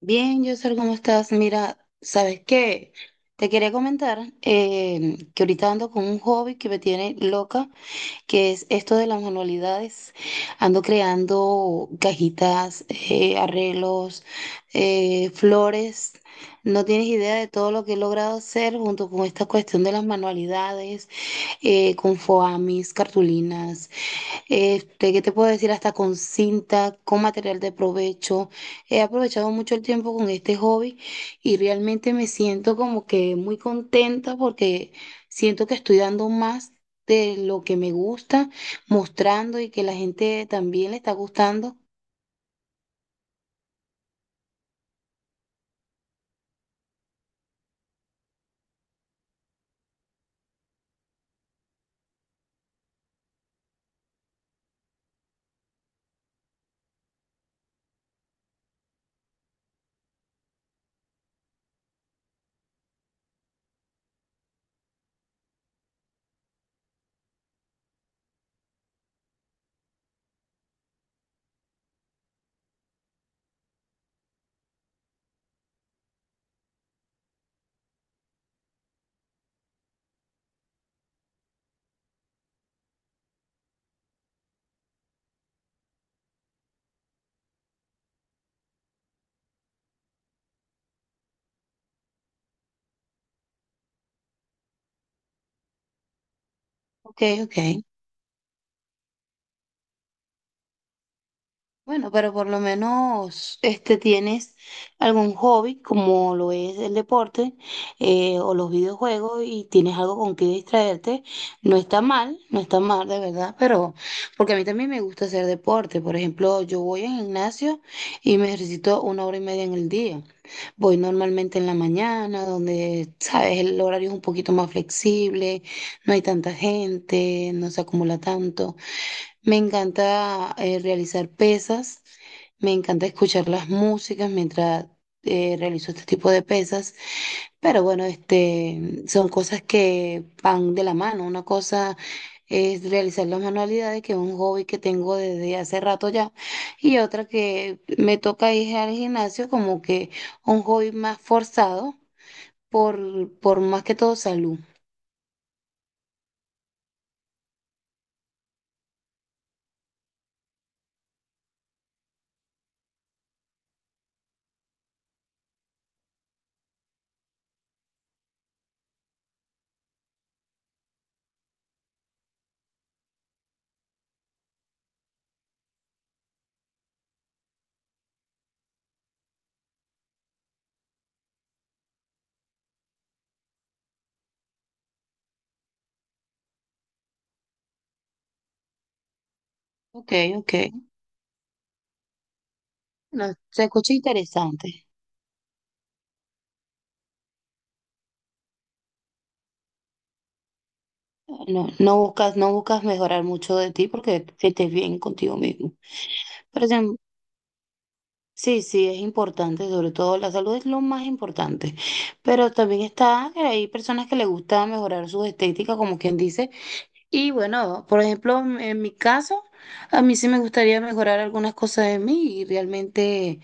Bien, Yosel, ¿cómo estás? Mira, ¿sabes qué? Te quería comentar que ahorita ando con un hobby que me tiene loca, que es esto de las manualidades. Ando creando cajitas, arreglos, flores. No tienes idea de todo lo que he logrado hacer junto con esta cuestión de las manualidades, con foamis, cartulinas. Este, ¿qué te puedo decir? Hasta con cinta, con material de provecho. He aprovechado mucho el tiempo con este hobby y realmente me siento como que muy contenta porque siento que estoy dando más de lo que me gusta, mostrando y que la gente también le está gustando. Ok, ok. Bueno, pero por lo menos este tienes algún hobby como lo es el deporte o los videojuegos y tienes algo con que distraerte. No está mal, no está mal de verdad, pero porque a mí también me gusta hacer deporte. Por ejemplo, yo voy al gimnasio y me ejercito una hora y media en el día. Voy normalmente en la mañana, donde, sabes, el horario es un poquito más flexible, no hay tanta gente, no se acumula tanto. Me encanta realizar pesas, me encanta escuchar las músicas mientras realizo este tipo de pesas, pero bueno, este, son cosas que van de la mano. Una cosa es realizar las manualidades, que es un hobby que tengo desde hace rato ya, y otra que me toca ir al gimnasio como que un hobby más forzado por más que todo salud. Ok, ok. No, se escucha interesante. No, no buscas, no buscas mejorar mucho de ti porque que estés bien contigo mismo. Pero sin- sí, sí, es importante, sobre todo la salud es lo más importante. Pero también está, que hay personas que les gusta mejorar su estética, como quien dice. Y bueno, por ejemplo, en mi caso, a mí sí me gustaría mejorar algunas cosas de mí y realmente,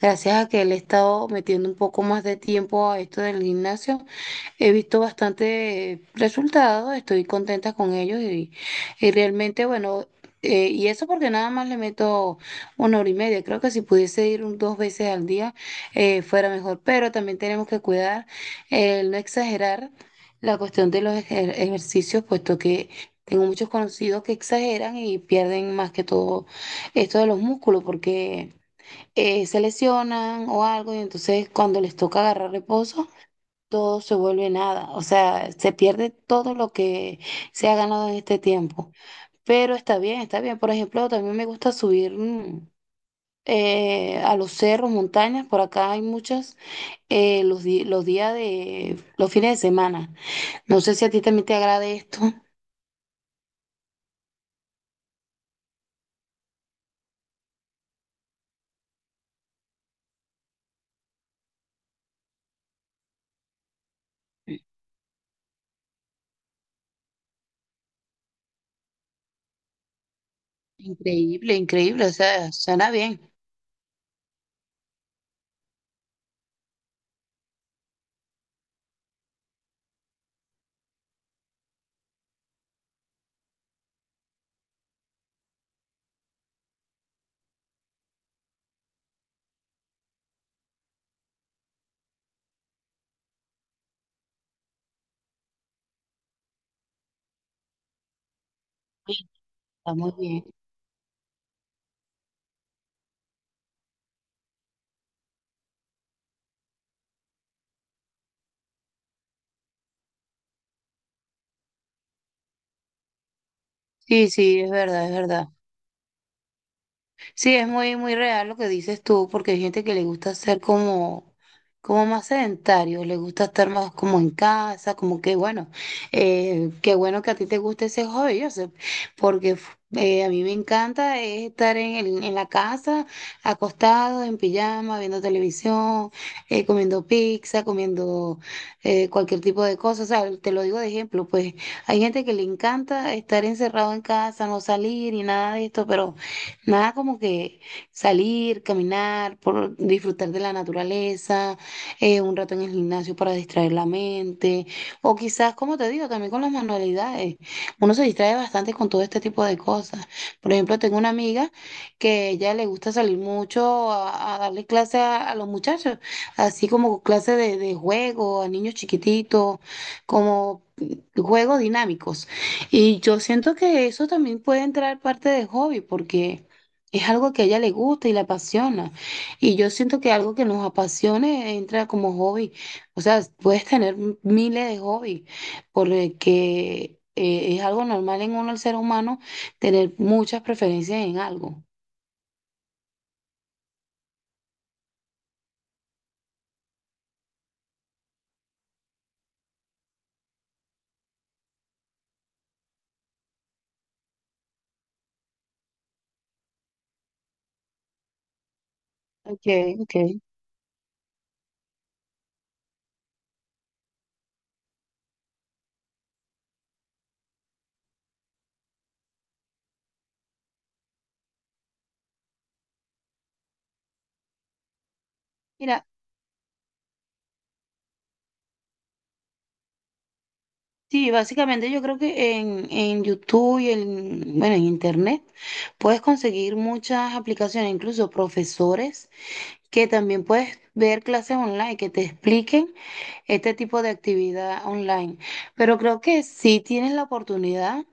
gracias a que le he estado metiendo un poco más de tiempo a esto del gimnasio. He visto bastante resultados, estoy contenta con ellos y realmente, bueno, y eso porque nada más le meto una hora y media. Creo que si pudiese ir dos veces al día fuera mejor, pero también tenemos que cuidar el no exagerar la cuestión de los ejercicios, puesto que tengo muchos conocidos que exageran y pierden más que todo esto de los músculos porque se lesionan o algo y entonces cuando les toca agarrar reposo todo se vuelve nada, o sea, se pierde todo lo que se ha ganado en este tiempo. Pero está bien, está bien. Por ejemplo, también me gusta subir a los cerros, montañas, por acá hay muchas, los días de, los fines de semana. No sé si a ti también te agrade esto. Increíble, increíble, o sea, suena bien. Está muy bien. Sí, sí, es verdad, es verdad. Sí, es muy, muy real lo que dices tú, porque hay gente que le gusta ser como, como más sedentario, le gusta estar más como en casa, como que bueno, qué bueno que a ti te guste ese hobby, yo sé, porque a mí me encanta es estar en, en la casa, acostado, en pijama, viendo televisión, comiendo pizza, comiendo cualquier tipo de cosas, o sea, te lo digo de ejemplo, pues hay gente que le encanta estar encerrado en casa, no salir y nada de esto, pero nada como que salir, caminar, por disfrutar de la naturaleza, un rato en el gimnasio para distraer la mente, o quizás, como te digo, también con las manualidades. Uno se distrae bastante con todo este tipo de cosas. Por ejemplo, tengo una amiga que ella le gusta salir mucho a darle clase a los muchachos, así como clase de juego a niños chiquititos, como juegos dinámicos. Y yo siento que eso también puede entrar parte de hobby, porque es algo que a ella le gusta y le apasiona. Y yo siento que algo que nos apasione entra como hobby. O sea, puedes tener miles de hobbies, porque es algo normal en uno, el ser humano, tener muchas preferencias en algo. Okay, okay. Mira, sí, básicamente yo creo que en YouTube y en, bueno, en internet puedes conseguir muchas aplicaciones, incluso profesores, que también puedes ver clases online que te expliquen este tipo de actividad online. Pero creo que sí tienes la oportunidad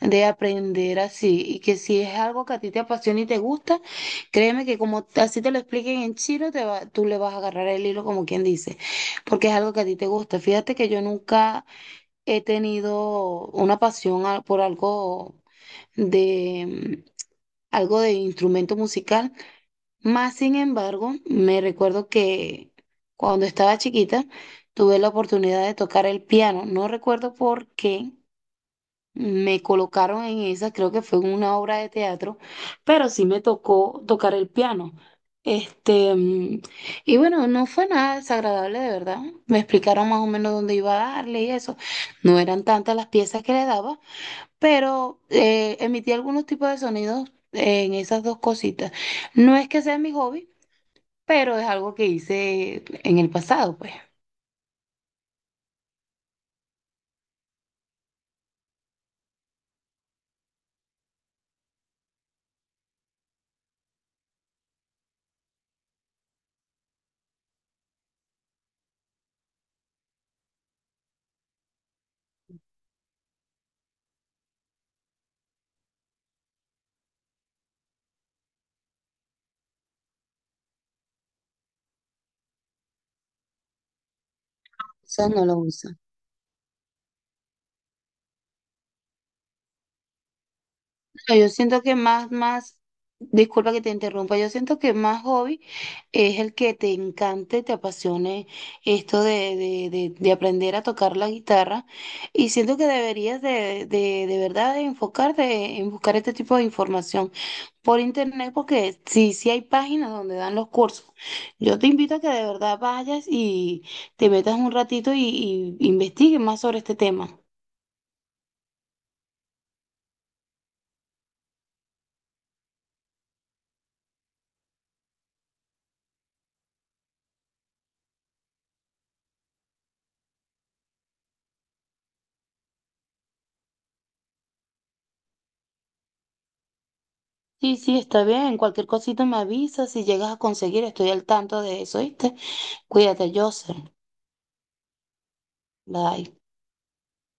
de aprender así y que si es algo que a ti te apasiona y te gusta, créeme que como así te lo expliquen en chino, tú le vas a agarrar el hilo como quien dice, porque es algo que a ti te gusta. Fíjate que yo nunca he tenido una pasión por algo de mm, algo de instrumento musical, más sin embargo, me recuerdo que cuando estaba chiquita tuve la oportunidad de tocar el piano. No recuerdo por qué me colocaron en esa, creo que fue en una obra de teatro, pero sí me tocó tocar el piano. Este, y bueno, no fue nada desagradable de verdad. Me explicaron más o menos dónde iba a darle y eso. No eran tantas las piezas que le daba, pero emití algunos tipos de sonidos en esas dos cositas. No es que sea mi hobby pero es algo que hice en el pasado, pues. Entonces no lo uso. No, yo siento que más, más, disculpa que te interrumpa, yo siento que más hobby es el que te encante, te apasione esto de aprender a tocar la guitarra y siento que deberías de verdad de enfocarte en buscar este tipo de información por internet porque sí, sí hay páginas donde dan los cursos. Yo te invito a que de verdad vayas y te metas un ratito y investigues más sobre este tema. Sí, sí, está bien. Cualquier cosita me avisas si llegas a conseguir. Estoy al tanto de eso, ¿viste? Cuídate, Joseph. Bye.